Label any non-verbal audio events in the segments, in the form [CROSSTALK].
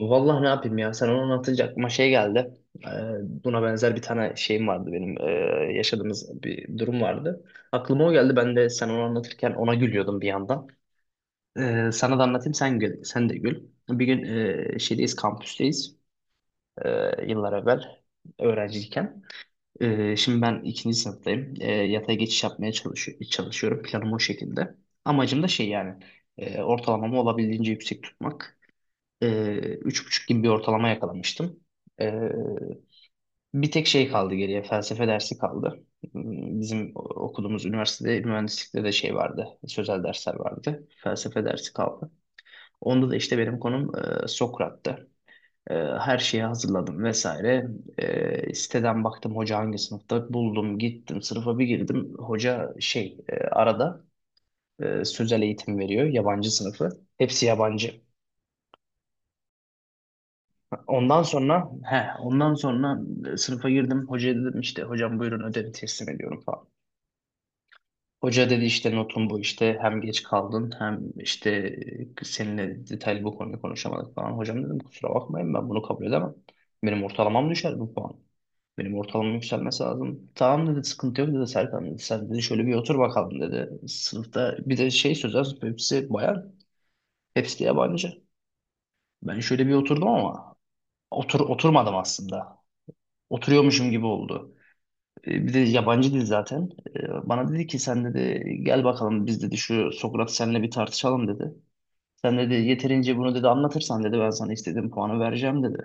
Vallahi ne yapayım ya sen onu anlatınca aklıma şey geldi. Ee, Buna benzer bir tane şeyim vardı benim, yaşadığımız bir durum vardı. Aklıma o geldi ben de sen onu anlatırken ona gülüyordum bir yandan. Sana da anlatayım sen gül, sen de gül. Bir gün şeydeyiz, kampüsteyiz, yıllar evvel, öğrenciyken. Şimdi ben ikinci sınıftayım. Yatay geçiş yapmaya çalışıyorum, planım o şekilde. Amacım da şey yani ortalamamı olabildiğince yüksek tutmak. Üç buçuk gibi bir ortalama yakalamıştım. Ee, Bir tek şey kaldı geriye, felsefe dersi kaldı. Bizim okuduğumuz üniversitede mühendislikte de şey vardı, sözel dersler vardı. Felsefe dersi kaldı. Onda da işte benim konum Sokrat'tı. Her şeye hazırladım vesaire. Siteden baktım hoca hangi sınıfta, buldum, gittim sınıfa bir girdim. Hoca şey, arada sözel eğitim veriyor, yabancı sınıfı. Hepsi yabancı. Ondan sonra sınıfa girdim. Hocaya dedim işte hocam buyurun ödevi teslim ediyorum falan. Hoca dedi işte notun bu işte hem geç kaldın hem işte seninle detaylı bu konuyu konuşamadık falan. Hocam dedim kusura bakmayın ben bunu kabul edemem. Benim ortalamam düşer bu puan. Benim ortalamam yükselmesi lazım. Tamam dedi, sıkıntı yok dedi, Serkan dedi. Sen dedi şöyle bir otur bakalım dedi. Sınıfta bir de şey, sözel, hepsi bayan, hepsi de yabancı. Ben şöyle bir oturdum ama oturmadım aslında. Oturuyormuşum gibi oldu. Bir de yabancı dil zaten. Bana dedi ki sen dedi gel bakalım, biz dedi şu Sokrat seninle bir tartışalım dedi. Sen dedi yeterince bunu dedi anlatırsan dedi ben sana istediğim puanı vereceğim dedi.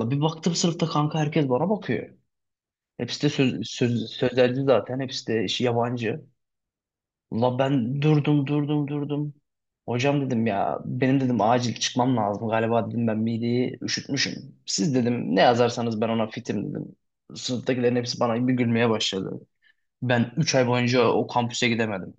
La bir baktım sınıfta, kanka herkes bana bakıyor. Hepsi de sözelci, zaten hepsi de işi yabancı. Ula ben durdum durdum durdum. Hocam dedim ya, benim dedim acil çıkmam lazım. Galiba dedim ben mideyi üşütmüşüm. Siz dedim ne yazarsanız ben ona fitim dedim. Sınıftakilerin hepsi bana bir gülmeye başladı. Ben 3 ay boyunca o kampüse gidemedim.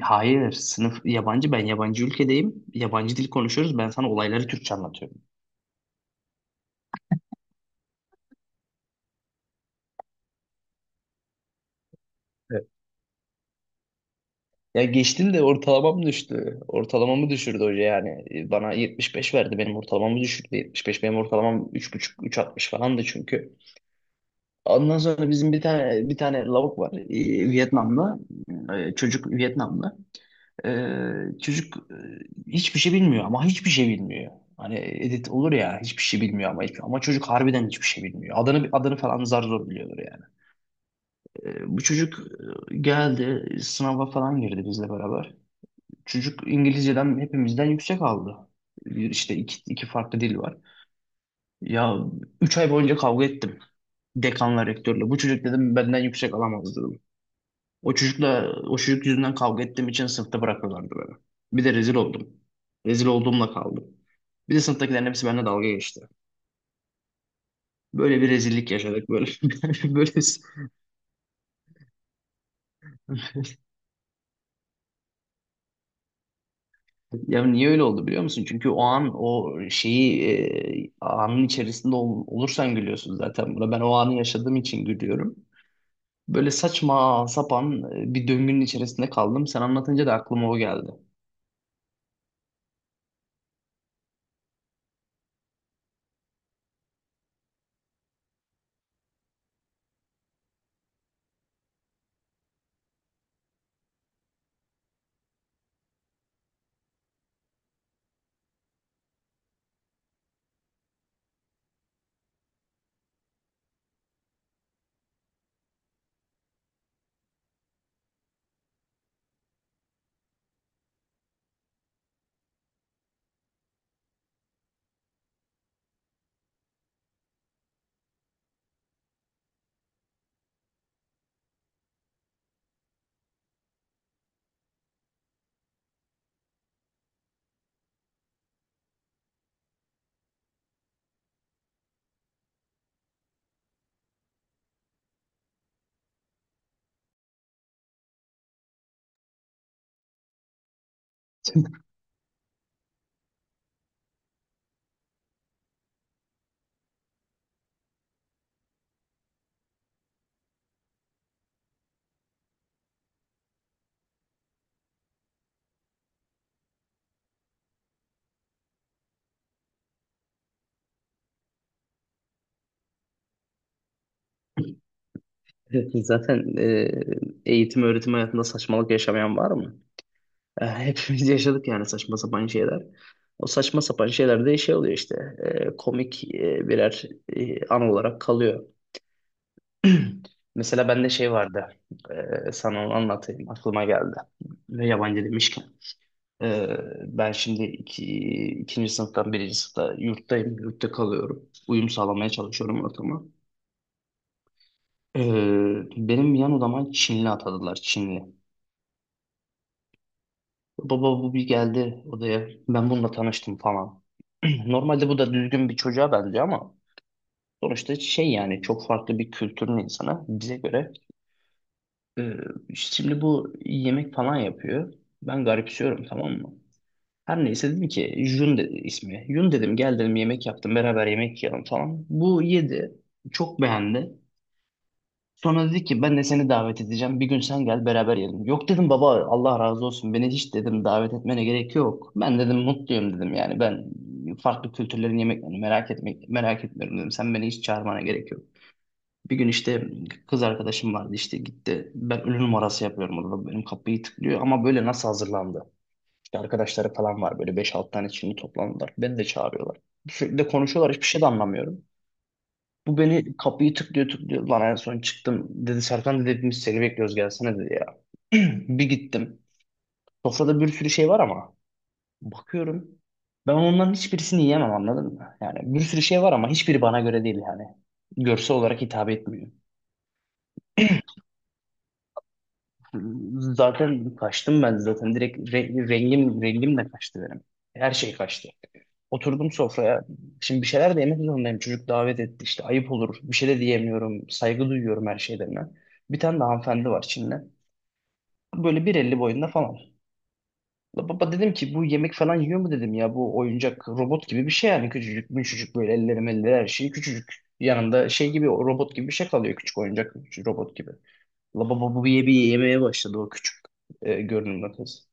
Hayır, sınıf yabancı, ben yabancı ülkedeyim. Yabancı dil konuşuyoruz, ben sana olayları Türkçe anlatıyorum. Evet. Ya geçtim de ortalamam düştü. Ortalamamı düşürdü hoca yani. Bana 75 verdi, benim ortalamamı düşürdü. 75, benim ortalamam 3,5 3,60 falandı çünkü. Ondan sonra bizim bir tane lavuk var, Vietnamlı. Çocuk Vietnamlı. E, çocuk e, Hiçbir şey bilmiyor, ama hiçbir şey bilmiyor. Hani edit olur ya, hiçbir şey bilmiyor, ama çocuk harbiden hiçbir şey bilmiyor. Adını falan zar zor biliyordur yani. Bu çocuk geldi sınava falan girdi bizle beraber. Çocuk İngilizceden hepimizden yüksek aldı. Bir işte iki farklı dil var. Ya üç ay boyunca kavga ettim dekanla, rektörle. Bu çocuk dedim benden yüksek alamaz dedim. O çocukla, o çocuk yüzünden kavga ettiğim için sınıfta bırakıyorlardı beni. Bir de rezil oldum. Rezil olduğumla kaldım. Bir de sınıftakilerin hepsi benimle dalga geçti. Böyle bir rezillik yaşadık böyle. [LAUGHS] Böyle Ya niye öyle oldu biliyor musun? Çünkü o an o şeyi, anın içerisinde olursan gülüyorsun zaten buna. Ben o anı yaşadığım için gülüyorum. Böyle saçma sapan bir döngünün içerisinde kaldım. Sen anlatınca da aklıma o geldi. [LAUGHS] Zaten eğitim öğretim hayatında saçmalık yaşamayan var mı? Hepimiz yaşadık yani saçma sapan şeyler. O saçma sapan şeyler de şey oluyor işte, komik birer an olarak kalıyor. [CLEARS THROAT] Mesela bende şey vardı. Sana onu anlatayım. Aklıma geldi. Ve yabancı demişken. e, Ben şimdi ikinci sınıftan, birinci sınıfta yurttayım. Yurtta kalıyorum. Uyum sağlamaya çalışıyorum ortama. E, Benim yan odama Çinli atadılar. Çinli. Baba bu bir geldi odaya. Ben bununla tanıştım falan. [CLEARS THROAT] Normalde bu da düzgün bir çocuğa benziyor ama sonuçta şey yani, çok farklı bir kültürün insanı bize göre. Ee, Şimdi bu yemek falan yapıyor. Ben garipsiyorum, tamam mı? Her neyse dedim ki, Jun dedi ismi. Yun dedim gel dedim, yemek yaptım beraber yemek yiyelim falan. Bu yedi. Çok beğendi. Sonra dedi ki ben de seni davet edeceğim. Bir gün sen gel beraber yiyelim. Yok dedim baba, Allah razı olsun. Beni hiç dedim davet etmene gerek yok. Ben dedim mutluyum dedim yani. Ben farklı kültürlerin yemeklerini merak etmek merak etmiyorum dedim. Sen beni hiç çağırmana gerek yok. Bir gün işte kız arkadaşım vardı, işte gitti. Ben ünlü numarası yapıyorum orada. Benim kapıyı tıklıyor ama, böyle nasıl hazırlandı? İşte arkadaşları falan var, böyle beş 6 tane şimdi toplandılar. Beni de çağırıyorlar. Sürekli de konuşuyorlar, hiçbir şey de anlamıyorum. Bu beni kapıyı tıklıyor tıklıyor. Lan en son çıktım. Dedi Serkan dedi biz seni bekliyoruz gelsene dedi ya. [CLEARS THROAT] Bir gittim. Sofrada bir sürü şey var ama. Bakıyorum. Ben onların hiçbirisini yiyemem, anladın mı? Yani bir sürü şey var ama hiçbiri bana göre değil yani. Görsel olarak hitap etmiyor. Zaten kaçtım ben zaten. Direkt rengim de kaçtı benim. Her şey kaçtı. Oturdum sofraya. Şimdi bir şeyler de yemek zorundayım. Çocuk davet etti işte, ayıp olur. Bir şey de diyemiyorum. Saygı duyuyorum her şeylerine. Bir tane de hanımefendi var, Çinli. Böyle bir elli boyunda falan. La baba dedim ki bu yemek falan yiyor mu dedim ya, bu oyuncak robot gibi bir şey yani, küçücük müşücük, böyle elleri melleri her şeyi küçücük. Yanında şey gibi, o robot gibi bir şey kalıyor, küçük oyuncak, küçük robot gibi. La baba bu bir bir yemeye başladı, o küçük görünümlü kız.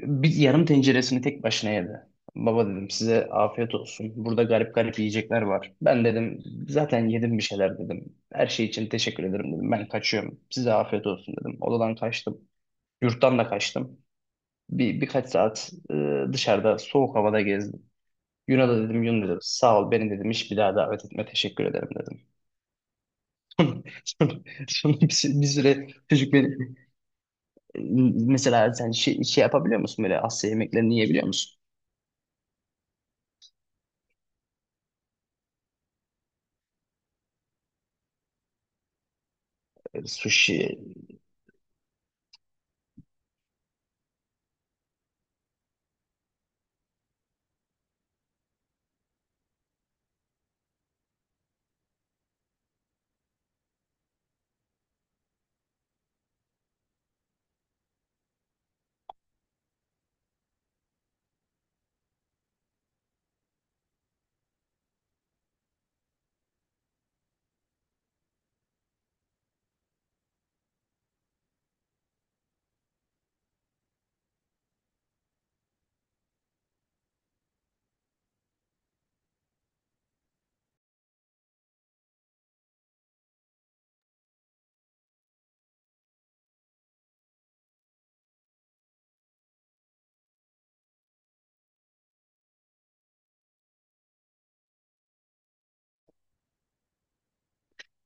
Bir yarım tenceresini tek başına yedi. Baba dedim size afiyet olsun. Burada garip garip yiyecekler var. Ben dedim zaten yedim bir şeyler dedim. Her şey için teşekkür ederim dedim. Ben kaçıyorum. Size afiyet olsun dedim. Odadan kaçtım. Yurttan da kaçtım. Birkaç saat dışarıda soğuk havada gezdim. Yun'a da dedim, Yun dedim sağ ol, beni dedim hiç bir daha davet etme, teşekkür ederim dedim. [LAUGHS] Sonra, sonra, bir süre çocuk beni, e, mesela sen şey yapabiliyor musun, böyle Asya yemeklerini yiyebiliyor musun? Sushi.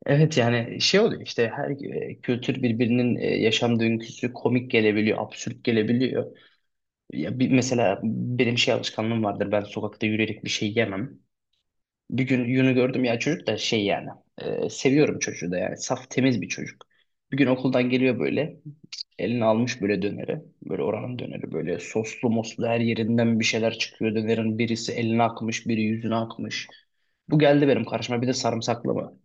Evet yani şey oluyor işte, her kültür birbirinin yaşam döngüsü komik gelebiliyor, absürt gelebiliyor. Ya mesela benim şey alışkanlığım vardır, ben sokakta yürüyerek bir şey yemem. Bir gün Yun'u gördüm, ya çocuk da şey yani, seviyorum çocuğu da yani, saf temiz bir çocuk. Bir gün okuldan geliyor böyle, eline almış böyle döneri, böyle oranın döneri, böyle soslu moslu her yerinden bir şeyler çıkıyor dönerin, birisi eline akmış, biri yüzüne akmış. Bu geldi benim karşıma, bir de sarımsaklı mı?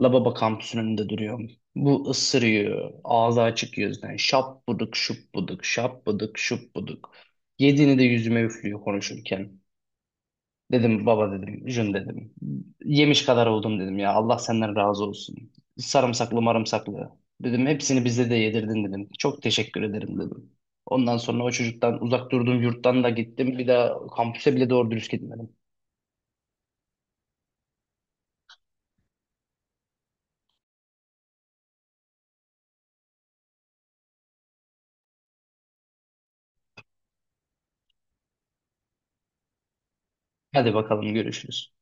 Lababa kampüsünün önünde duruyorum. Bu ısırıyor ağzı açık yüzden, şap buduk şup buduk şap buduk şup buduk. Yediğini de yüzüme üflüyor konuşurken. Dedim baba dedim, Jün dedim. Yemiş kadar oldum dedim ya. Allah senden razı olsun. Sarımsaklı marımsaklı. Dedim hepsini bize de yedirdin dedim. Çok teşekkür ederim dedim. Ondan sonra o çocuktan uzak durduğum yurttan da gittim. Bir daha kampüse bile doğru dürüst gitmedim. Hadi bakalım, görüşürüz.